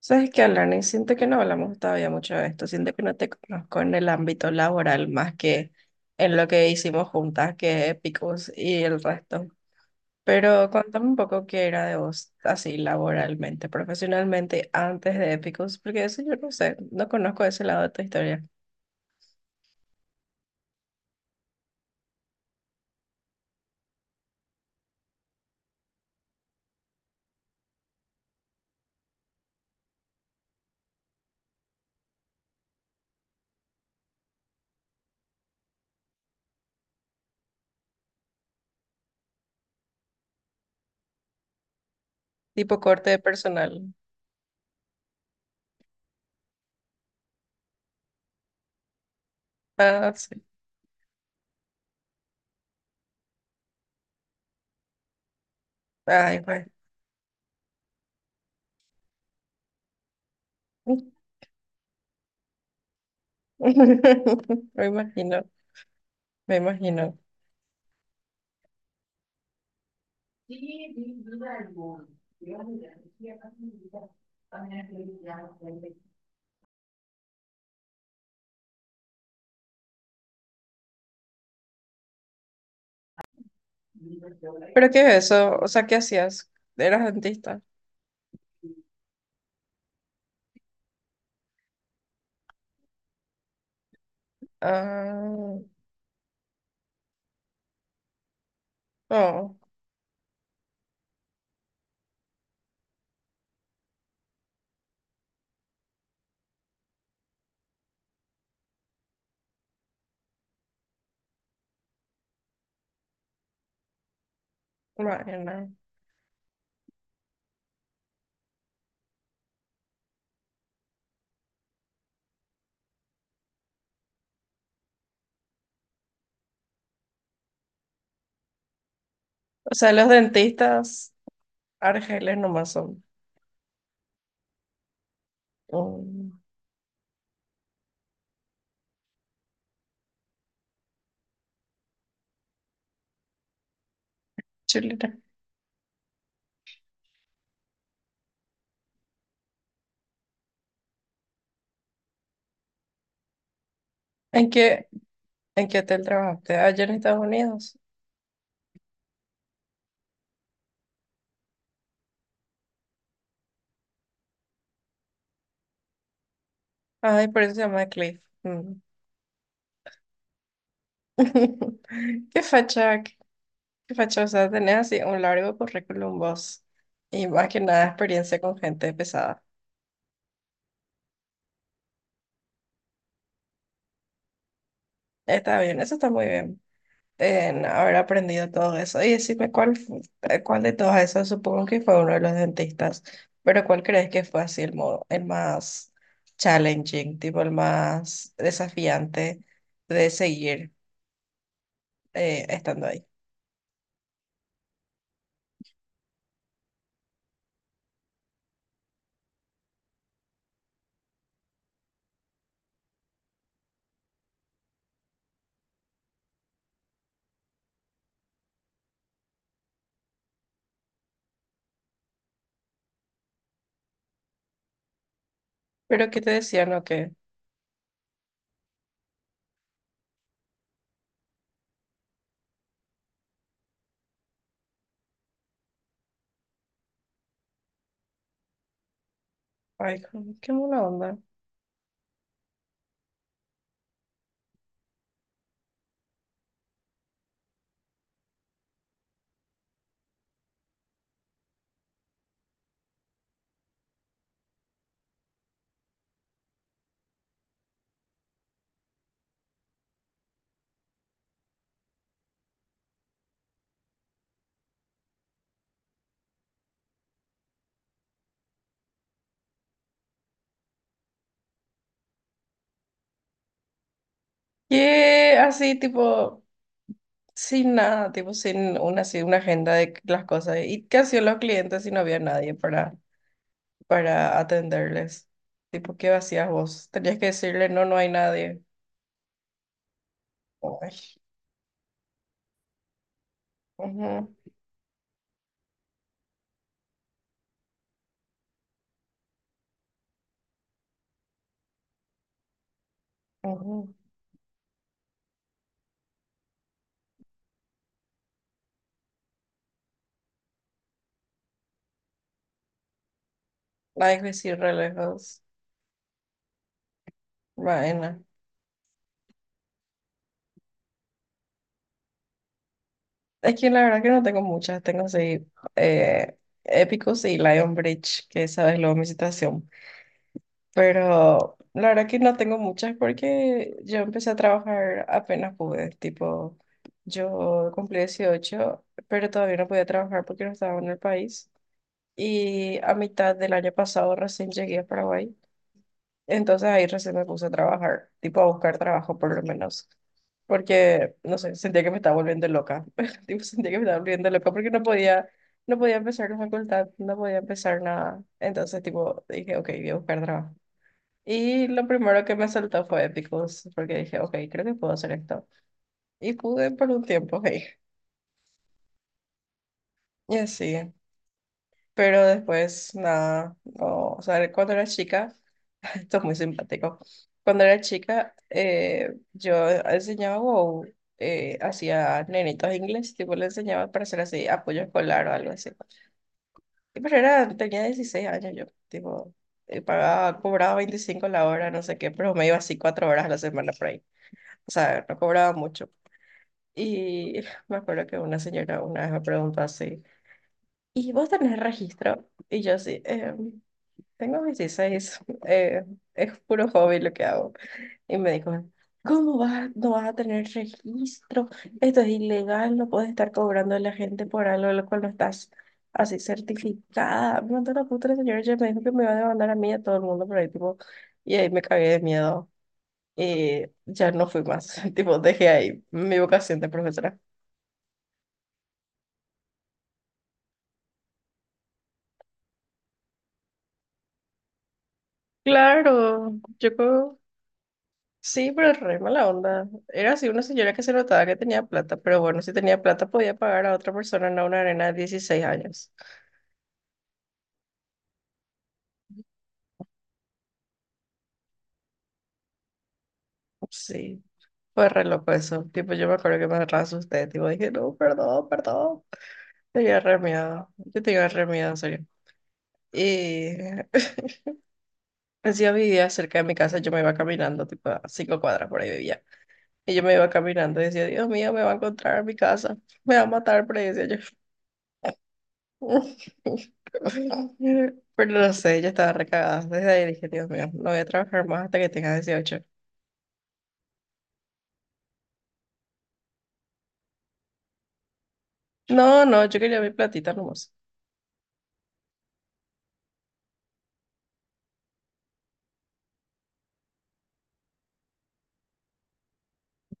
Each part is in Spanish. Sabes que, Alani, siento que no hablamos todavía mucho de esto, siento que no te conozco en el ámbito laboral más que en lo que hicimos juntas, que Epicus y el resto. Pero cuéntame un poco qué era de vos, así laboralmente, profesionalmente, antes de Epicus, porque eso yo no sé, no conozco ese lado de tu historia. Tipo corte de personal. Ah, sí. Ay, pues. Me imagino, me imagino. ¿Pero qué es eso? O sea, ¿qué hacías? ¿Eras dentista? Ah, no, imagina. O sea, los dentistas argeles nomás son un chilena. ¿En qué, en qué hotel trabajaste? Allá en Estados Unidos. Ay, por eso se llama Cliff. Mm. Qué facha, qué facha. O sea, tenés así un largo currículum vos. Y más que nada experiencia con gente pesada. Está bien, eso está muy bien en haber aprendido todo eso. Y decime cuál, cuál de todos esos, supongo que fue uno de los dentistas, pero cuál crees que fue así el modo, el más challenging, tipo el más desafiante de seguir estando ahí. Pero ¿qué te decían, o qué? Ay, qué mala onda. Que así, tipo, sin nada, tipo, sin una, así, una agenda de las cosas. ¿Y qué hacían los clientes si no había nadie para atenderles? Tipo, ¿qué hacías vos? Tenías que decirle, no, no hay nadie. Ay, ujú, ujú. Ay, que sí, re lejos. Bueno, es que la verdad que no tengo muchas, tengo así eh, Épicos y Lion Bridge, que sabes luego mi situación. Pero la verdad que no tengo muchas porque yo empecé a trabajar apenas pude, tipo, yo cumplí 18, pero todavía no podía trabajar porque no estaba en el país. Y a mitad del año pasado recién llegué a Paraguay. Entonces ahí recién me puse a trabajar, tipo a buscar trabajo por lo menos, porque, no sé, sentía que me estaba volviendo loca, tipo sentía que me estaba volviendo loca porque no podía empezar la facultad, no podía empezar nada. Entonces, tipo, dije, ok, voy a buscar trabajo. Y lo primero que me saltó fue Epicus, porque dije, ok, creo que puedo hacer esto. Y pude por un tiempo, ok. Y así, pero después, nada, no, o sea, cuando era chica. Esto es muy simpático. Cuando era chica, yo enseñaba o hacía nenitos inglés, tipo le enseñaba para hacer así apoyo escolar o algo así. Pero era, tenía 16 años yo, tipo, pagaba, cobraba 25 la hora, no sé qué, pero me iba así 4 horas a la semana por ahí. O sea, no cobraba mucho. Y me acuerdo que una señora una vez me preguntó así, ¿y vos tenés registro? Y yo así: tengo 16, eh, es puro hobby lo que hago". Y me dijo: "¿Cómo vas? No vas a tener registro, esto es ilegal, no puedes estar cobrando a la gente por algo de lo cual no estás así certificada". Me mandó la puta la señora y me dijo que me iba a demandar a mí y a todo el mundo por ahí, tipo, y ahí me cagué de miedo. Y ya no fui más, tipo, dejé ahí mi vocación de profesora. Claro, sí, pero es re mala onda. Era así una señora que se notaba que tenía plata, pero bueno, si tenía plata podía pagar a otra persona, no a una arena de 16 años. Sí. Fue re loco eso. Tipo, yo me acuerdo que me re asusté. Tipo, dije, no, perdón, perdón. Tenía re miedo. Yo tenía re miedo, en serio. Y decía, vivía cerca de mi casa. Yo me iba caminando, tipo, a 5 cuadras por ahí vivía. Y yo me iba caminando y decía, Dios mío, me va a encontrar en mi casa. Me va a matar, pero decía yo. Pero no sé, yo estaba recagada. Desde ahí dije, Dios mío, no voy a trabajar más hasta que tenga 18. No, no, yo quería mi platita nomás.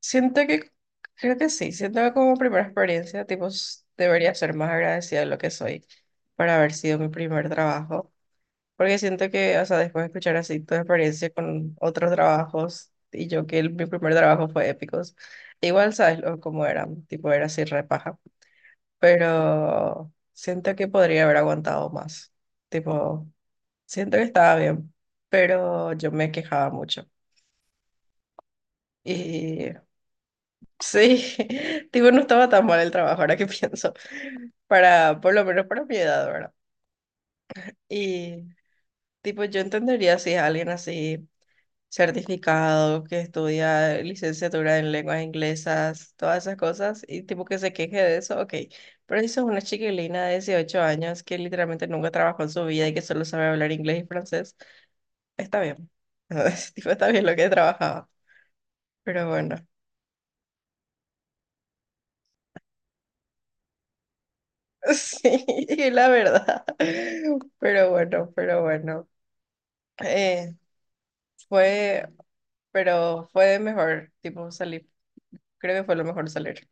Siento que, creo que sí, siento que como primera experiencia, tipo, debería ser más agradecida de lo que soy para haber sido mi primer trabajo, porque siento que, o sea, después de escuchar así tu experiencia con otros trabajos y yo que mi primer trabajo fue épicos, igual sabes cómo eran, tipo, era así repaja, pero siento que podría haber aguantado más, tipo, siento que estaba bien, pero yo me quejaba mucho. Y sí, tipo, no estaba tan mal el trabajo, ahora que pienso, para, por lo menos para mi edad, ¿verdad? Y, tipo, yo entendería si es alguien así certificado, que estudia licenciatura en lenguas inglesas, todas esas cosas, y tipo que se queje de eso, ok. Pero si sos una chiquilina de 18 años que literalmente nunca trabajó en su vida y que solo sabe hablar inglés y francés, está bien. Tipo, está bien lo que trabajaba, pero bueno. Sí, la verdad. Pero bueno, pero bueno. Eh, fue, pero fue de mejor, tipo, salir. Creo que fue lo mejor salir.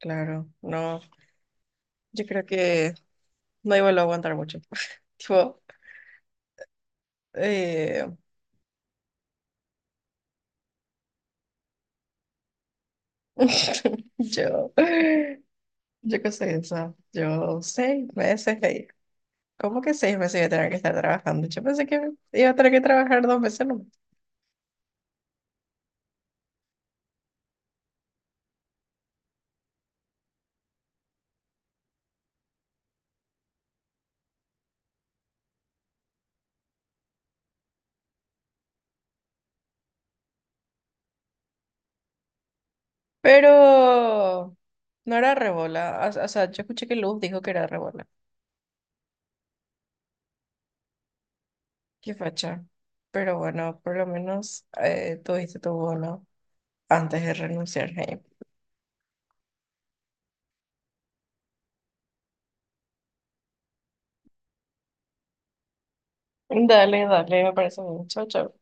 Claro, no, yo creo que no iba a aguantar mucho. Tipo, eh, yo, yo qué sé, o sea, yo 6 meses ahí. ¿Cómo que 6 meses iba a tener que estar trabajando? Yo pensé que iba a tener que trabajar 2 meses nomás. Pero no era rebola. O sea, yo escuché que Luz dijo que era rebola. Qué facha. Pero bueno, por lo menos tuviste tu bono antes de renunciar. Hey. Dale, dale, me parece bien, chau, chau